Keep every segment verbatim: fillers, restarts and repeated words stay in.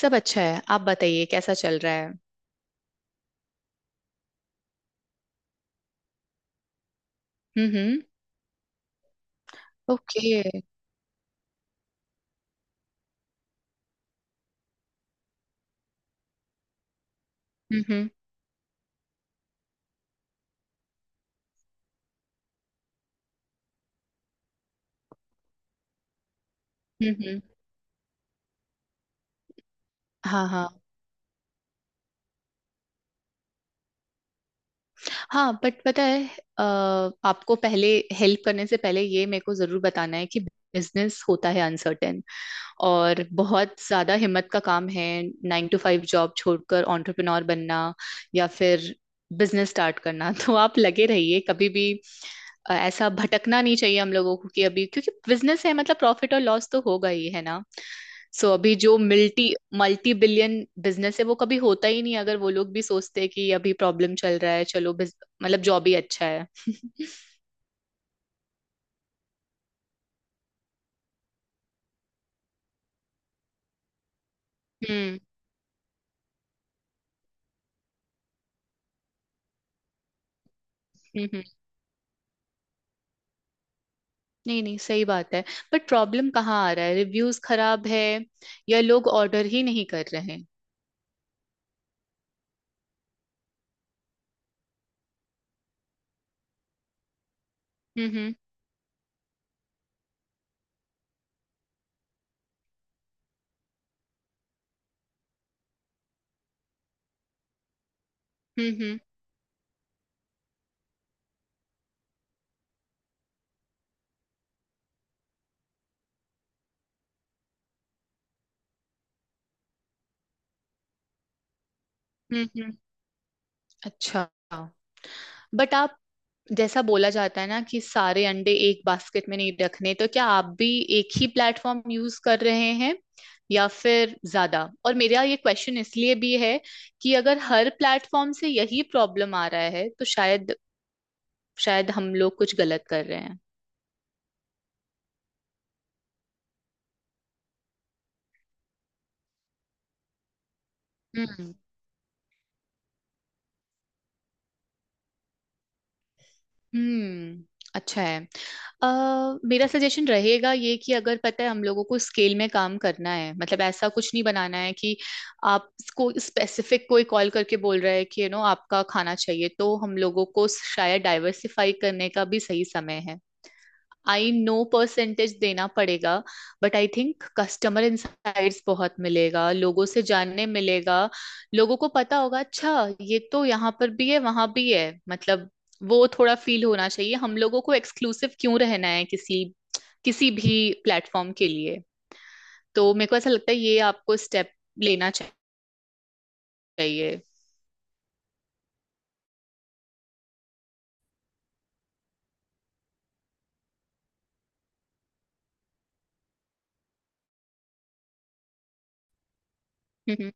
सब अच्छा है। आप बताइए कैसा चल रहा है। हम्म हम्म। ओके। हम्म हम्म। हम्म हम्म। हाँ हाँ। हाँ बट पता है। अ, आपको पहले हेल्प करने से पहले ये मेरे को जरूर बताना है कि बिजनेस होता है अनसर्टेन और बहुत ज्यादा हिम्मत का काम है। नाइन टू फाइव जॉब छोड़कर एंटरप्रेन्योर बनना, या फिर बिजनेस स्टार्ट करना। तो आप लगे रहिए कभी भी। अ, ऐसा भटकना नहीं चाहिए हम लोगों को कि अभी क्योंकि बिजनेस है मतलब प्रॉफिट और लॉस तो होगा ही है ना। सो अभी जो मल्टी मल्टी बिलियन बिजनेस है वो कभी होता ही नहीं, अगर वो लोग भी सोचते हैं कि अभी प्रॉब्लम चल रहा है, चलो बिज- मतलब जॉब ही अच्छा है। हम्म हम्म। हम्म, नहीं नहीं, सही बात है। बट प्रॉब्लम कहाँ आ रहा है, रिव्यूज खराब है या लोग ऑर्डर ही नहीं कर रहे हैं। हम्म हम्म। हम्म हम्म। हम्म हम्म, अच्छा। बट आप, जैसा बोला जाता है ना कि सारे अंडे एक बास्केट में नहीं रखने, तो क्या आप भी एक ही प्लेटफॉर्म यूज कर रहे हैं या फिर ज्यादा? और मेरा ये क्वेश्चन इसलिए भी है कि अगर हर प्लेटफॉर्म से यही प्रॉब्लम आ रहा है तो शायद शायद हम लोग कुछ गलत कर रहे हैं। हम्म। अच्छा है। अ, मेरा सजेशन रहेगा ये कि अगर पता है हम लोगों को स्केल में काम करना है, मतलब ऐसा कुछ नहीं बनाना है कि आप, कोई स्पेसिफिक कोई कॉल करके बोल रहा है कि यू नो आपका खाना चाहिए, तो हम लोगों को शायद डाइवर्सिफाई करने का भी सही समय है। आई नो परसेंटेज देना पड़ेगा, but I think customer insights बहुत मिलेगा, लोगों से जानने मिलेगा, लोगों को पता होगा अच्छा ये तो यहाँ पर भी है वहां भी है, मतलब वो थोड़ा फील होना चाहिए हम लोगों को। एक्सक्लूसिव क्यों रहना है किसी किसी भी प्लेटफॉर्म के लिए। तो मेरे को ऐसा लगता है ये आपको स्टेप लेना चाहिए। हम्म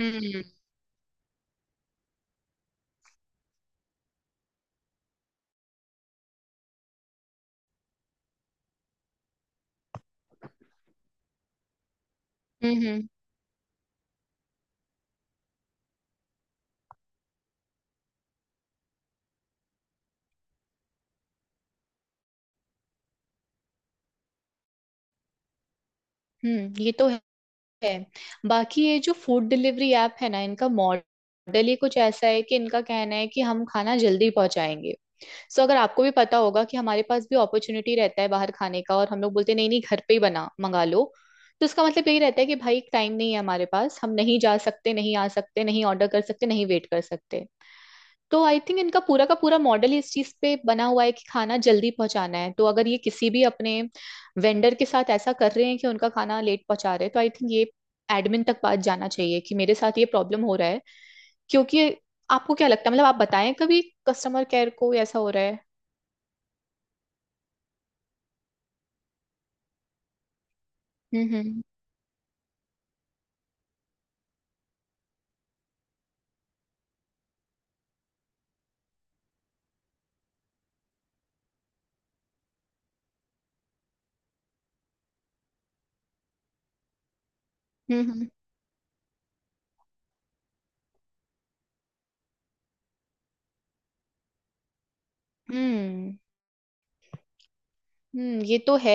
हम्म। हम्म हम्म। हम्म, हम्म, ये तो है। बाकी ये जो फूड डिलीवरी ऐप है ना, इनका मॉडल ही कुछ ऐसा है कि इनका कहना है कि हम खाना जल्दी पहुंचाएंगे। सो अगर आपको भी पता होगा कि हमारे पास भी अपॉर्चुनिटी रहता है बाहर खाने का और हम लोग बोलते हैं, नहीं नहीं, घर पे ही बना मंगा लो। तो इसका मतलब यही रहता है कि भाई टाइम नहीं है हमारे पास, हम नहीं जा सकते, नहीं आ सकते, नहीं ऑर्डर कर सकते, नहीं वेट कर सकते। तो आई थिंक इनका पूरा का पूरा मॉडल ही इस चीज पे बना हुआ है कि खाना जल्दी पहुंचाना है, तो अगर ये किसी भी अपने वेंडर के साथ ऐसा कर रहे हैं कि उनका खाना लेट पहुंचा रहे हैं, तो आई थिंक ये एडमिन तक बात जाना चाहिए कि मेरे साथ ये प्रॉब्लम हो रहा है। क्योंकि आपको क्या लगता है, मतलब आप बताएं, कभी कस्टमर केयर को ऐसा हो रहा है? हम्म हम्म। हम्म हम्म। हम्म। हम्म, ये तो है।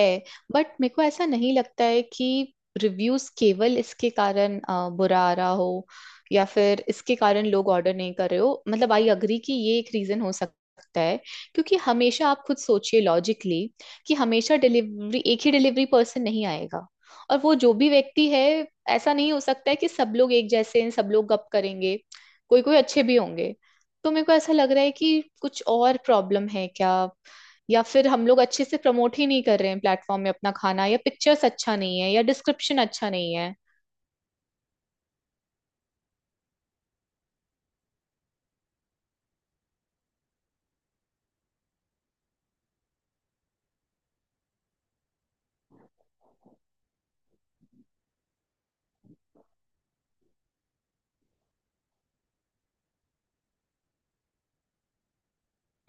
बट मेरे को ऐसा नहीं लगता है कि रिव्यूज केवल इसके कारण अ, बुरा आ रहा हो, या फिर इसके कारण लोग ऑर्डर नहीं कर रहे हो। मतलब आई अग्री कि ये एक रीजन हो सकता है, क्योंकि हमेशा आप खुद सोचिए लॉजिकली कि हमेशा डिलीवरी एक ही डिलीवरी पर्सन नहीं आएगा। और वो जो भी व्यक्ति है, ऐसा नहीं हो सकता है कि सब लोग एक जैसे हैं, सब लोग गप करेंगे, कोई कोई अच्छे भी होंगे। तो मेरे को ऐसा लग रहा है कि कुछ और प्रॉब्लम है क्या, या फिर हम लोग अच्छे से प्रमोट ही नहीं कर रहे हैं प्लेटफॉर्म में अपना खाना, या पिक्चर्स अच्छा नहीं है, या डिस्क्रिप्शन अच्छा नहीं है।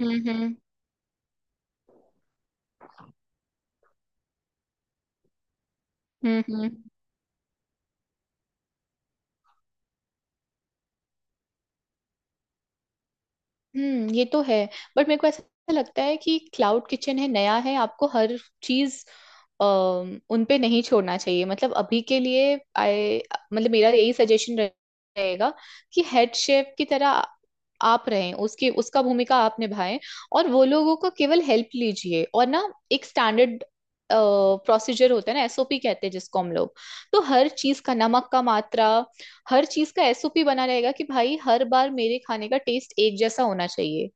हम्म हम्म। हम्म हम्म। हम्म, ये तो है। बट मेरे को ऐसा लगता है कि क्लाउड किचन है, नया है, आपको हर चीज अम, उन पे नहीं छोड़ना चाहिए, मतलब अभी के लिए आई, मतलब मेरा यही सजेशन रहेगा कि हेड शेफ की तरह आप रहें, उसकी उसका भूमिका आप निभाएं, और वो लोगों का केवल हेल्प लीजिए। और ना, एक स्टैंडर्ड प्रोसीजर होता है ना, एसओपी कहते हैं जिसको हम लोग, तो हर चीज का नमक का मात्रा, हर चीज का एसओपी बना रहेगा कि भाई हर बार मेरे खाने का टेस्ट एक जैसा होना चाहिए।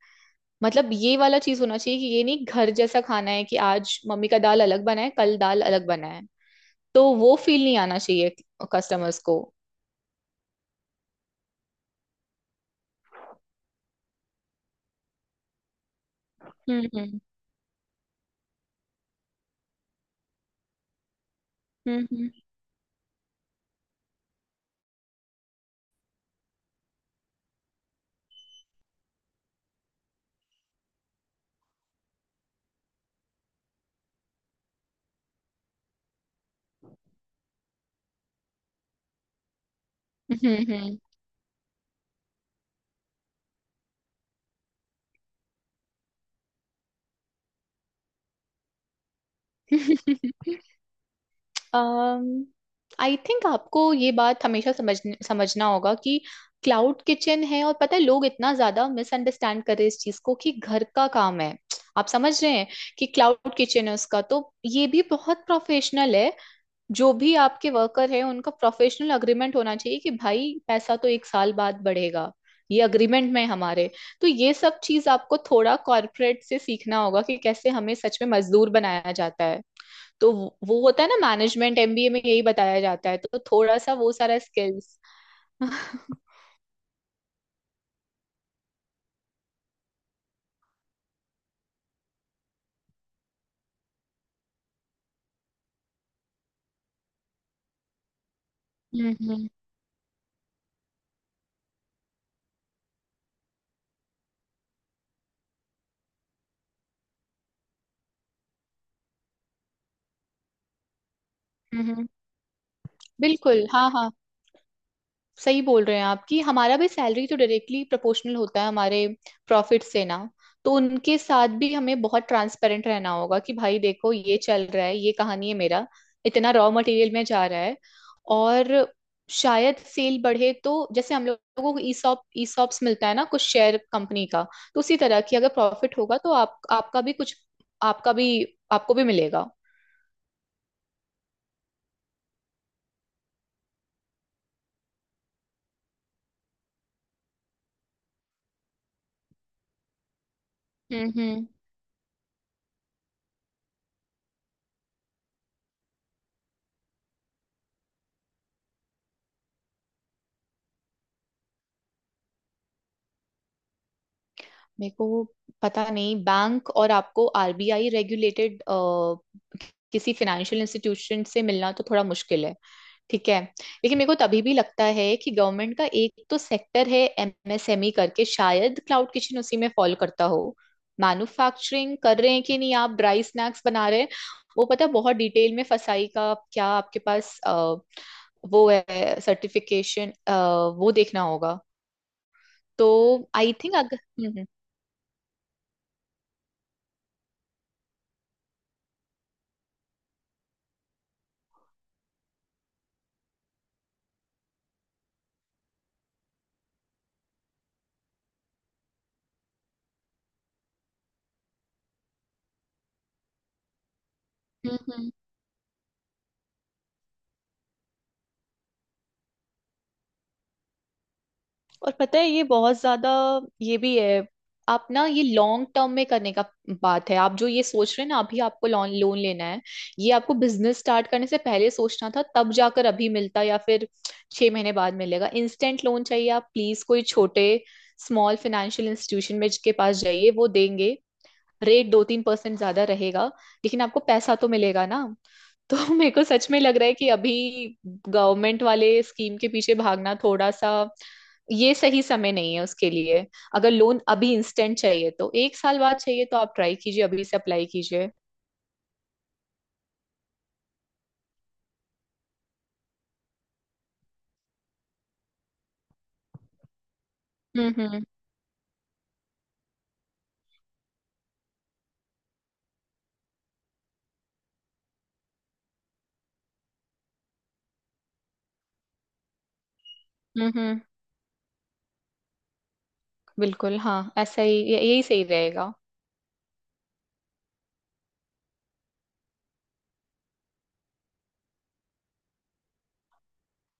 मतलब ये वाला चीज होना चाहिए कि ये नहीं घर जैसा खाना है कि आज मम्मी का दाल अलग बना है, कल दाल अलग बना है। तो वो फील नहीं आना चाहिए कस्टमर्स को। हम्म हम्म। हम्म हम्म। हम्म हम्म। आई थिंक आपको ये बात हमेशा समझने समझना होगा कि क्लाउड किचन है, और पता है लोग इतना ज्यादा मिसअंडरस्टैंड कर रहे हैं इस चीज को कि घर का काम है। आप समझ रहे हैं कि क्लाउड किचन है, उसका तो ये भी बहुत प्रोफेशनल है। जो भी आपके वर्कर है उनका प्रोफेशनल अग्रीमेंट होना चाहिए कि भाई पैसा तो एक साल बाद बढ़ेगा, ये अग्रीमेंट में है हमारे। तो ये सब चीज आपको थोड़ा कॉर्पोरेट से सीखना होगा कि कैसे हमें सच में मजदूर बनाया जाता है। तो वो वो होता है ना मैनेजमेंट एमबीए में यही बताया जाता है, तो थोड़ा सा वो सारा स्किल्स। हम्म। हम्म हम्म। बिल्कुल, हाँ हाँ, सही बोल रहे हैं आप कि हमारा भी सैलरी तो डायरेक्टली प्रोपोर्शनल होता है हमारे प्रॉफिट से ना। तो उनके साथ भी हमें बहुत ट्रांसपेरेंट रहना होगा कि भाई देखो ये चल रहा है, ये कहानी है, मेरा इतना रॉ मटेरियल में जा रहा है। और शायद सेल बढ़े तो जैसे हम लोगों को ईसॉप ईसॉप्स मिलता है ना कुछ शेयर कंपनी का, तो उसी तरह की अगर प्रॉफिट होगा तो आप आपका भी कुछ, आपका भी, आपको भी मिलेगा। हम्म हम्म। मेरे को पता नहीं, बैंक और आपको आरबीआई रेगुलेटेड किसी फाइनेंशियल इंस्टीट्यूशन से मिलना तो थोड़ा मुश्किल है, ठीक है। लेकिन मेरे को तभी भी लगता है कि गवर्नमेंट का एक तो सेक्टर है एमएसएमई करके, शायद क्लाउड किचन उसी में फॉल करता हो। मैन्युफैक्चरिंग कर रहे हैं कि नहीं आप, ड्राई स्नैक्स बना रहे हैं वो, पता है बहुत डिटेल में। फसाई का क्या आपके पास अ, वो है सर्टिफिकेशन, वो देखना होगा। तो आई थिंक अगर। हम्म हम्म। और पता है ये बहुत ज्यादा, ये भी है, आप ना ये लॉन्ग टर्म में करने का बात है, आप जो ये सोच रहे हैं ना अभी आपको लोन लोन लेना है, ये आपको बिजनेस स्टार्ट करने से पहले सोचना था, तब जाकर अभी मिलता, या फिर छह महीने बाद मिलेगा। इंस्टेंट लोन चाहिए आप प्लीज कोई छोटे स्मॉल फाइनेंशियल इंस्टीट्यूशन में के पास जाइए, वो देंगे। रेट दो तीन परसेंट ज्यादा रहेगा, लेकिन आपको पैसा तो मिलेगा ना। तो मेरे को सच में लग रहा है कि अभी गवर्नमेंट वाले स्कीम के पीछे भागना थोड़ा सा, ये सही समय नहीं है उसके लिए। अगर लोन अभी इंस्टेंट चाहिए तो, एक साल बाद चाहिए तो, आप ट्राई कीजिए, अभी से अप्लाई कीजिए। हम्म हम्म। हम्म हम्म। बिल्कुल हाँ, ऐसा ही ये- यही सही रहेगा।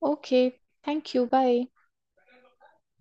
ओके। Thank you. बाय।